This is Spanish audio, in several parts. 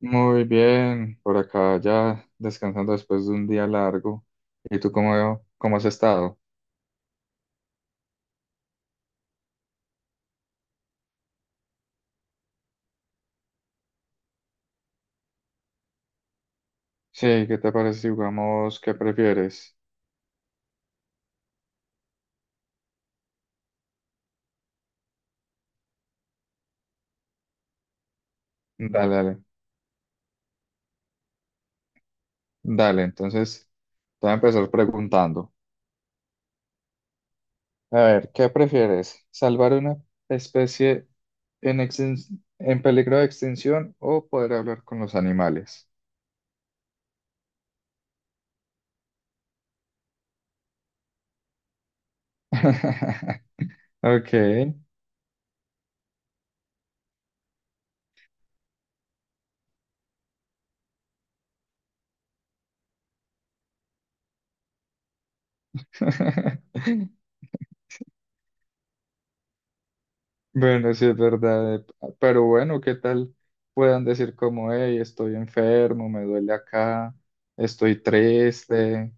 Muy bien, por acá ya descansando después de un día largo. ¿Y tú cómo has estado? Sí, ¿qué te parece si jugamos qué prefieres? Dale, dale, dale. Entonces, te voy a empezar preguntando. A ver, ¿qué prefieres? ¿Salvar una especie en peligro de extinción o poder hablar con los animales? Ok. Bueno, sí es verdad, pero bueno, ¿qué tal puedan decir como, hey, estoy enfermo, me duele acá, estoy triste?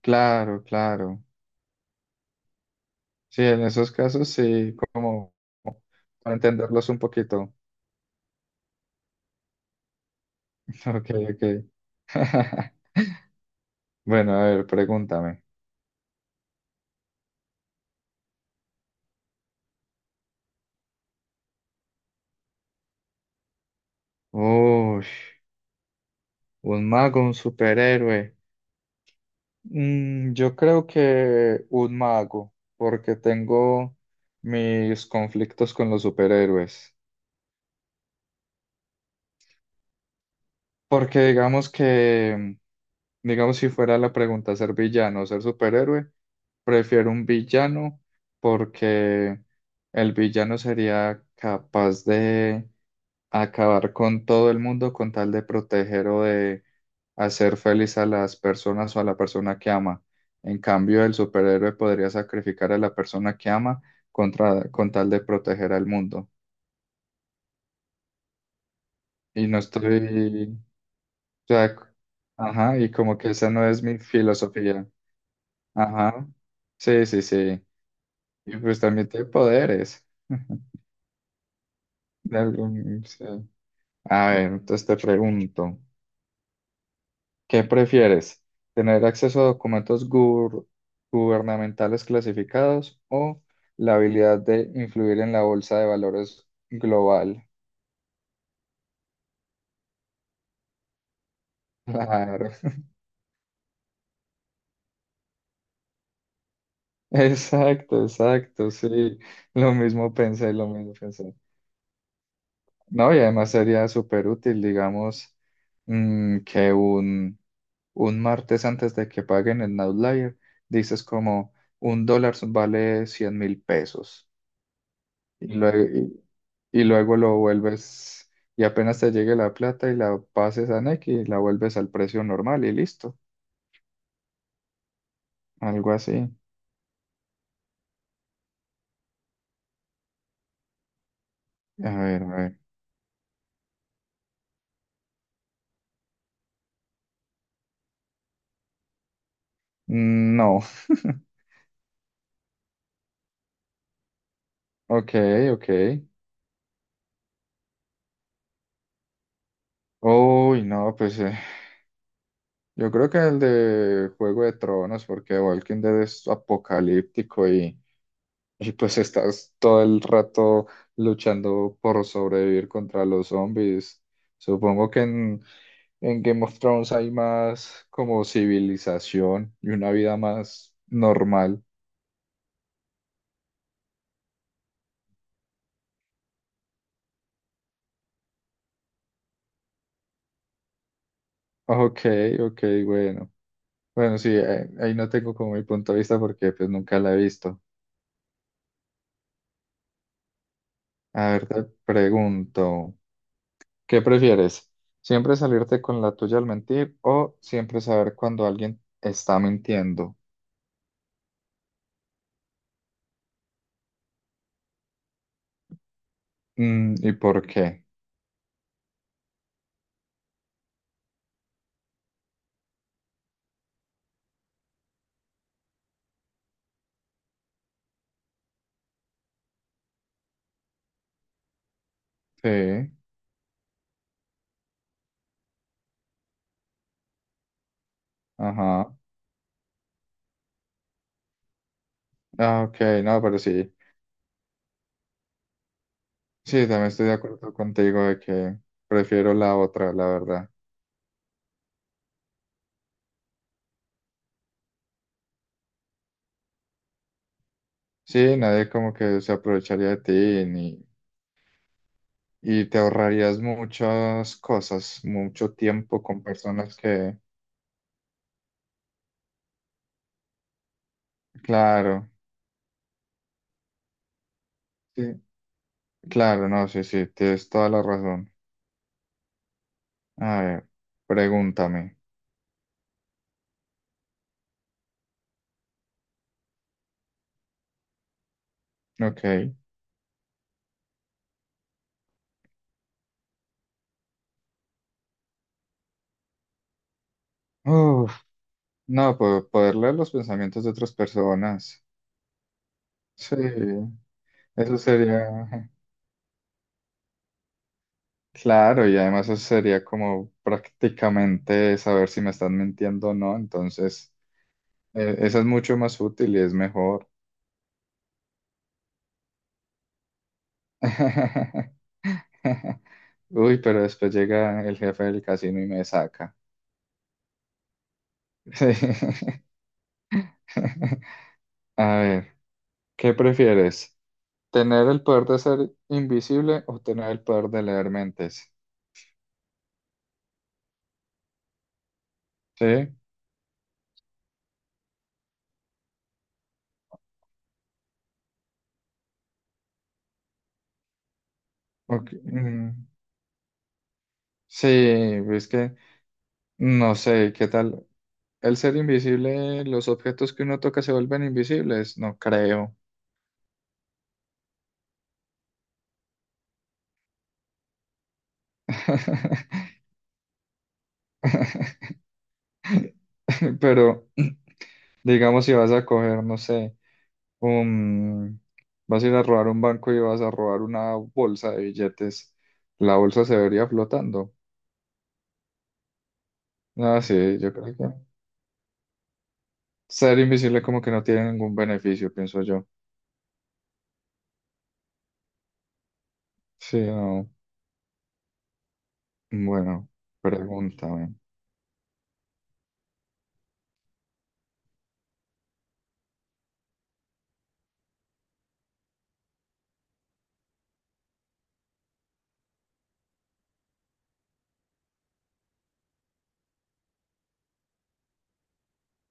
Claro, claro. Sí, en esos casos sí, como para entenderlos un poquito. Ok, ok. Bueno, a ver, pregúntame. Uy, un mago, un superhéroe. Mm, yo creo que un mago, porque tengo mis conflictos con los superhéroes. Porque digamos que, digamos, si fuera la pregunta ser villano o ser superhéroe, prefiero un villano porque el villano sería capaz de acabar con todo el mundo con tal de proteger o de hacer feliz a las personas o a la persona que ama. En cambio, el superhéroe podría sacrificar a la persona que ama con tal de proteger al mundo. Y no estoy, o sea, ajá, y como que esa no es mi filosofía. Ajá. Sí, sí, sí. Y pues también tiene poderes. Sí. A ver, entonces te pregunto, ¿qué prefieres? ¿Tener acceso a documentos gubernamentales clasificados o la habilidad de influir en la bolsa de valores global? Claro. Exacto, exacto, sí. Lo mismo pensé, lo mismo pensé. No, y además sería súper útil, digamos, que un martes antes de que paguen el outlier, dices como un dólar vale 100.000 pesos y y luego lo vuelves y apenas te llegue la plata y la pases a Nequi y la vuelves al precio normal y listo, algo así. A ver, a ver. Mm, no, ok, ok. Uy, no, pues yo creo que el de Juego de Tronos, porque Walking Dead es apocalíptico y... Y pues estás todo el rato luchando por sobrevivir contra los zombies. Supongo que en Game of Thrones hay más como civilización y una vida más normal. Ok, ok, bueno. Bueno, sí, ahí no tengo como mi punto de vista porque pues nunca la he visto. A ver, te pregunto, ¿qué prefieres? ¿Siempre salirte con la tuya al mentir o siempre saber cuando alguien está mintiendo? Mm, ¿y por qué? Sí. Ajá. Ah, ok, no, pero sí. Sí, también estoy de acuerdo contigo de que prefiero la otra, la verdad. Sí, nadie como que se aprovecharía de ti ni, y te ahorrarías muchas cosas, mucho tiempo con personas que, claro, sí, claro, no, sí, sí, tienes toda la razón. A ver, pregúntame. Ok. Uf, no, poder leer los pensamientos de otras personas. Sí, eso sería. Claro, y además eso sería como prácticamente saber si me están mintiendo o no, entonces esa es mucho más útil y es mejor. Uy, pero después llega el jefe del casino y me saca. Sí. A ver, ¿qué prefieres? ¿Tener el poder de ser invisible o tener el poder de leer mentes? Sí, ok, sí, es que no sé, ¿qué tal? El ser invisible, los objetos que uno toca se vuelven invisibles, no creo. Pero digamos si vas a coger, no sé, un, vas a ir a robar un banco y vas a robar una bolsa de billetes, la bolsa se vería flotando. Ah, sí, yo creo que ser invisible como que no tiene ningún beneficio, pienso yo. Sí, no. Bueno, pregúntame.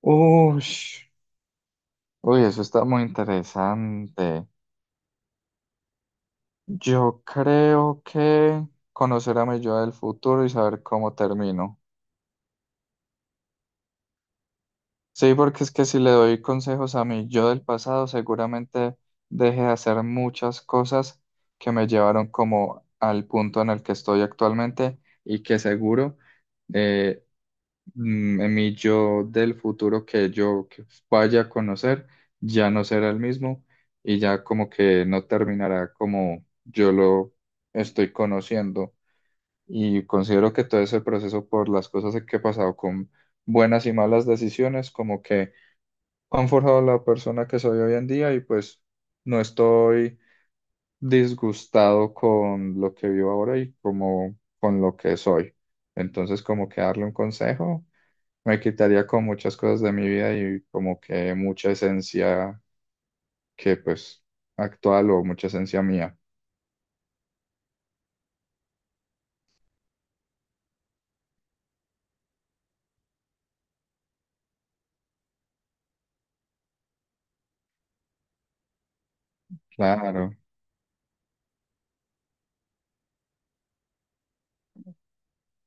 Uy, uy, eso está muy interesante. Yo creo que conocer a mi yo del futuro y saber cómo termino. Sí, porque es que si le doy consejos a mi yo del pasado, seguramente deje de hacer muchas cosas que me llevaron como al punto en el que estoy actualmente y que seguro eh, mi yo del futuro que yo que vaya a conocer ya no será el mismo y ya como que no terminará como yo lo estoy conociendo. Y considero que todo ese proceso por las cosas que he pasado con buenas y malas decisiones, como que han forjado la persona que soy hoy en día y pues no estoy disgustado con lo que vivo ahora y como con lo que soy. Entonces como que darle un consejo me quitaría con muchas cosas de mi vida y como que mucha esencia que pues actual o mucha esencia mía. Claro,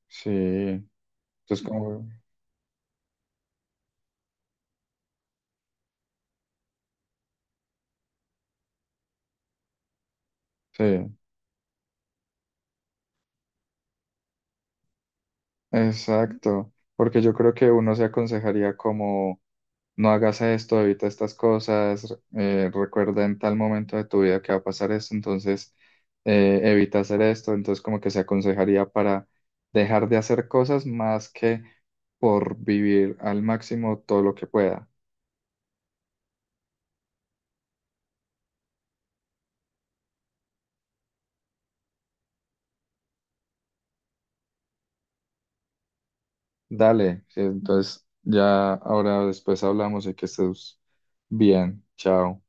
sí. Entonces como, sí. Exacto, porque yo creo que uno se aconsejaría como no hagas esto, evita estas cosas, recuerda en tal momento de tu vida que va a pasar esto, entonces evita hacer esto, entonces como que se aconsejaría para dejar de hacer cosas más que por vivir al máximo todo lo que pueda. Dale, sí, entonces ya ahora después hablamos y que estés bien, chao.